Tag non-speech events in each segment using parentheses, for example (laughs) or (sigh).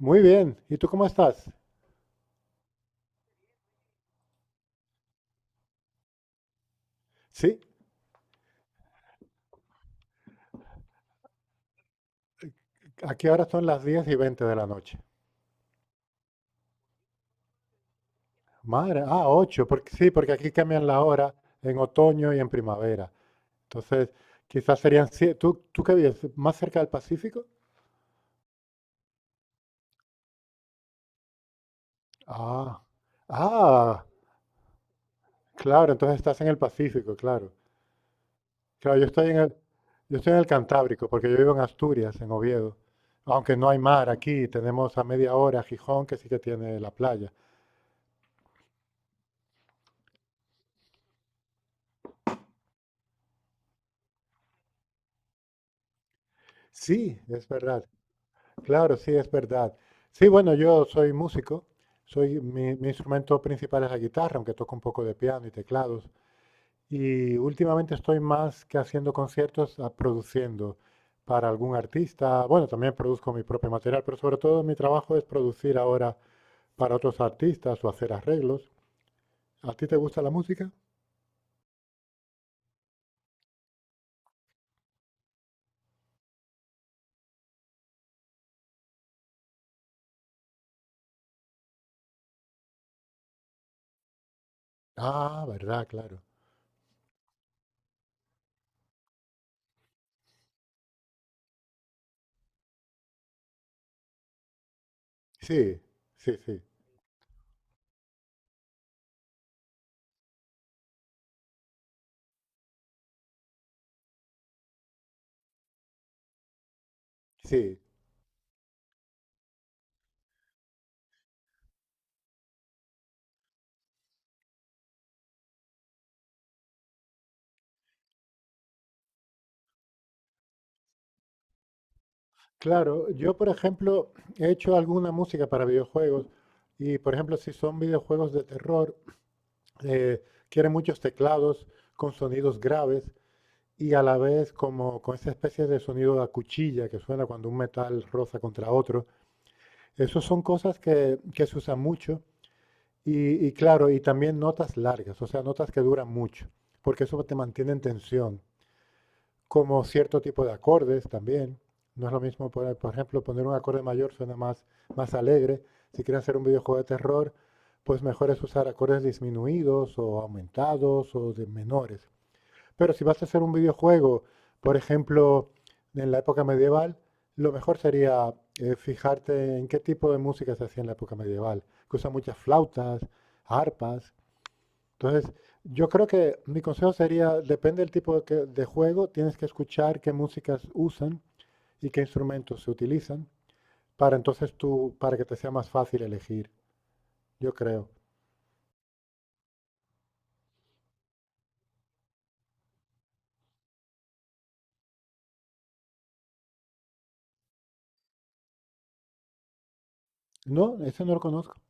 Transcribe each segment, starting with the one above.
Muy bien. ¿Y tú cómo estás? Sí, aquí ahora son las 10 y 20 de la noche. Madre, 8, porque, sí, porque aquí cambian la hora en otoño y en primavera. Entonces, quizás serían 7. ¿Tú ¿qué vives? ¿Más cerca del Pacífico? Ah, ah, claro, entonces estás en el Pacífico, claro. Claro, yo estoy en el Cantábrico, porque yo vivo en Asturias, en Oviedo. Aunque no hay mar aquí, tenemos a media hora Gijón, que sí que tiene la playa. Sí, es verdad. Claro, sí, es verdad. Sí, bueno, yo soy músico, mi instrumento principal es la guitarra, aunque toco un poco de piano y teclados. Y últimamente estoy más que haciendo conciertos, a produciendo para algún artista. Bueno, también produzco mi propio material, pero sobre todo mi trabajo es producir ahora para otros artistas o hacer arreglos. ¿A ti te gusta la música? Ah, verdad, claro. Sí, sí, sí, sí. Claro, yo por ejemplo he hecho alguna música para videojuegos y por ejemplo si son videojuegos de terror, eh, quieren muchos teclados con sonidos graves y a la vez como con esa especie de sonido de cuchilla que suena cuando un metal roza contra otro. Esas son cosas que se usan mucho y claro, y también notas largas, o sea, notas que duran mucho, porque eso te mantiene en tensión como cierto tipo de acordes también. No es lo mismo, poner, por ejemplo, poner un acorde mayor suena más, más alegre. Si quieres hacer un videojuego de terror, pues mejor es usar acordes disminuidos o aumentados o de menores. Pero si vas a hacer un videojuego, por ejemplo, en la época medieval, lo mejor sería fijarte en qué tipo de música se hacía en la época medieval, que usa muchas flautas, arpas, entonces, yo creo que mi consejo sería, depende del tipo de, de juego, tienes que escuchar qué músicas usan y qué instrumentos se utilizan para entonces tú, para que te sea más fácil elegir, yo creo. No, ese no lo conozco.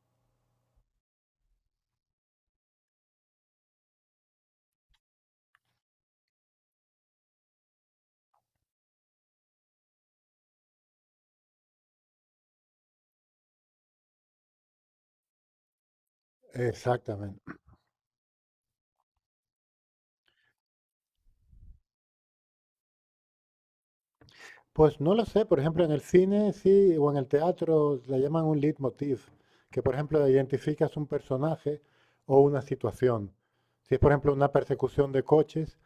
Exactamente. Pues no lo sé, por ejemplo, en el cine sí, o en el teatro le llaman un leitmotiv, que por ejemplo identificas un personaje o una situación. Si es por ejemplo una persecución de coches,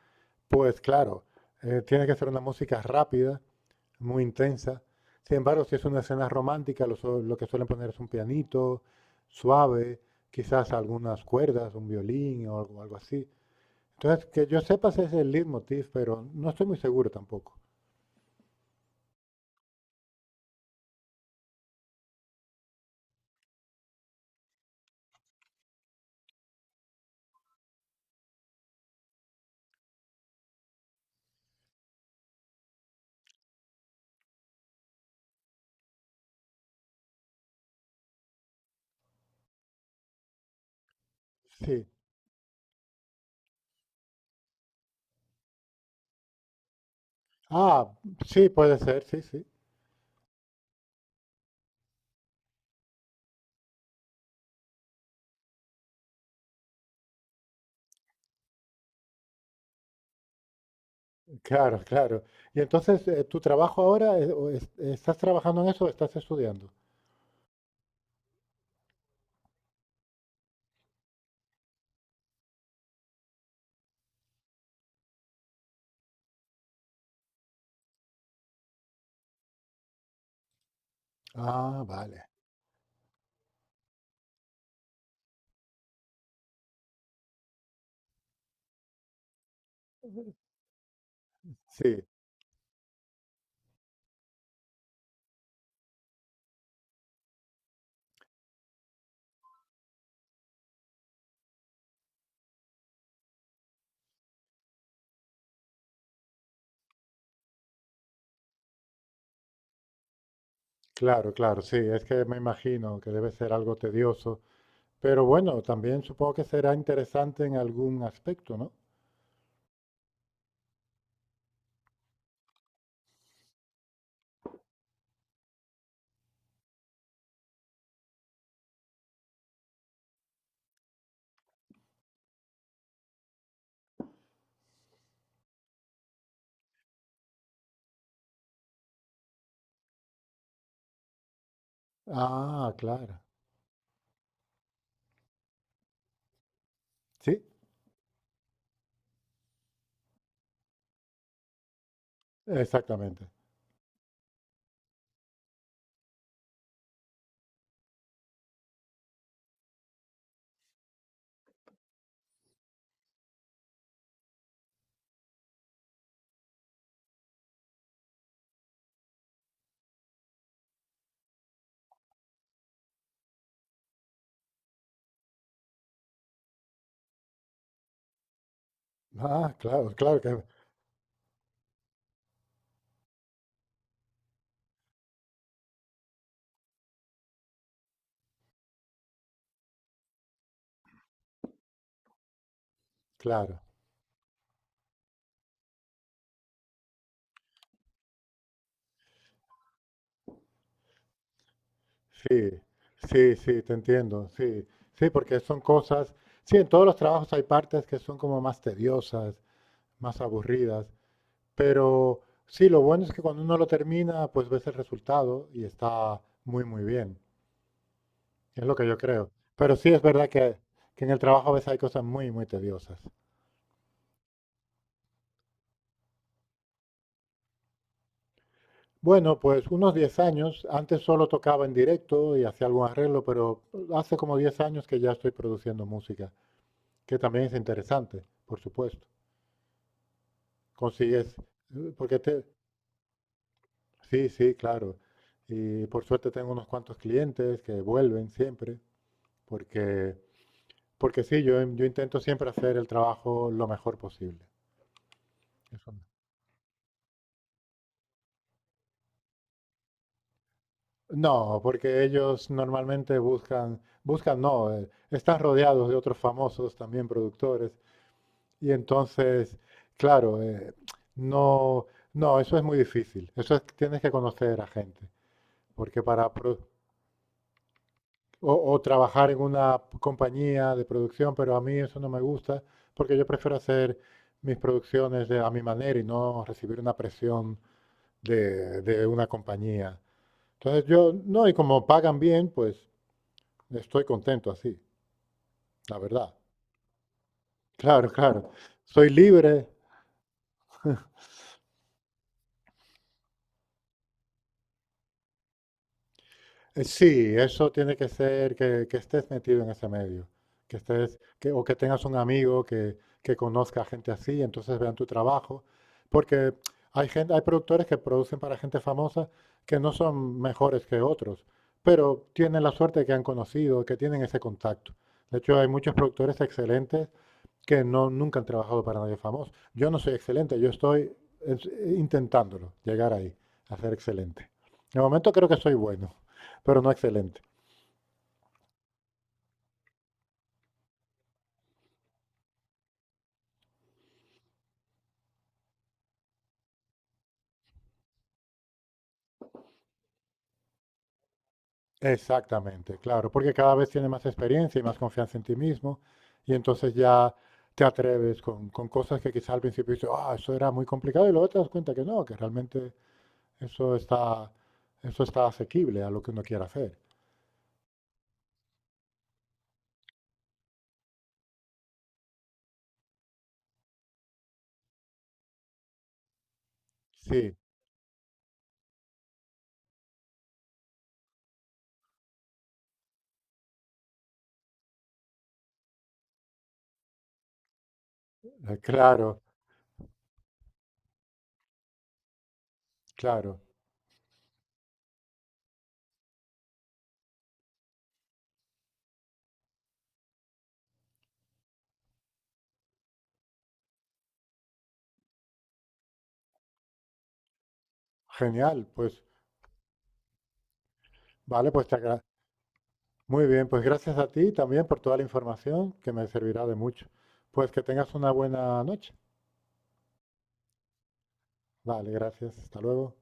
pues claro, tiene que ser una música rápida muy intensa. Sin embargo, si es una escena romántica, lo que suelen poner es un pianito suave, quizás algunas cuerdas, un violín o algo, algo así. Entonces, que yo sepa ese es el leitmotiv, pero no estoy muy seguro tampoco. Sí. Ah, sí, puede ser, sí, sí. Claro, claro. Y entonces, ¿tu trabajo ahora, estás trabajando en eso o estás estudiando? Ah, vale. Sí, claro, claro, sí. Es que me imagino que debe ser algo tedioso. Pero bueno, también supongo que será interesante en algún aspecto, ¿no? Ah, claro. Sí, exactamente. Ah, claro, claro que, claro. Sí, sí, sí, te entiendo. Sí, sí, porque son cosas. Sí, en todos los trabajos hay partes que son como más tediosas, más aburridas. Pero sí, lo bueno es que cuando uno lo termina, pues ves el resultado y está muy, muy bien. Es lo que yo creo. Pero sí es verdad que en el trabajo a veces hay cosas muy, muy tediosas. Bueno, pues unos 10 años. Antes solo tocaba en directo y hacía algún arreglo, pero hace como 10 años que ya estoy produciendo música, que también es interesante, por supuesto. Consigues, porque te... Sí, sí, claro. Y por suerte tengo unos cuantos clientes que vuelven siempre, porque, porque sí, yo intento siempre hacer el trabajo lo mejor posible. Eso no. No, porque ellos normalmente no, están rodeados de otros famosos también productores. Y entonces, claro, no, no, eso es muy difícil. Eso es, tienes que conocer a gente, porque para pro- o trabajar en una compañía de producción, pero a mí eso no me gusta, porque yo prefiero hacer mis producciones a mi manera y no recibir una presión de una compañía. Entonces yo, no, y como pagan bien, pues estoy contento así, la verdad. Claro, claro. Soy libre. Sí, eso tiene que ser que estés metido en ese medio, o que tengas un amigo que conozca gente así, entonces vean tu trabajo, porque hay gente, hay productores que producen para gente famosa que no son mejores que otros, pero tienen la suerte que han conocido, que tienen ese contacto. De hecho, hay muchos productores excelentes que no, nunca han trabajado para nadie famoso. Yo no soy excelente, yo estoy intentándolo, llegar ahí, a ser excelente. De momento creo que soy bueno, (laughs) pero no excelente. Exactamente, claro, porque cada vez tienes más experiencia y más confianza en ti mismo, y entonces ya te atreves con cosas que quizá al principio dices, ah, eso era muy complicado, y luego te das cuenta que no, que realmente eso está, eso está asequible a lo que uno quiera hacer. Sí, claro, claro. Genial, pues vale, pues te agra- muy bien, pues gracias a ti también por toda la información que me servirá de mucho. Pues que tengas una buena noche. Vale, gracias. Hasta luego.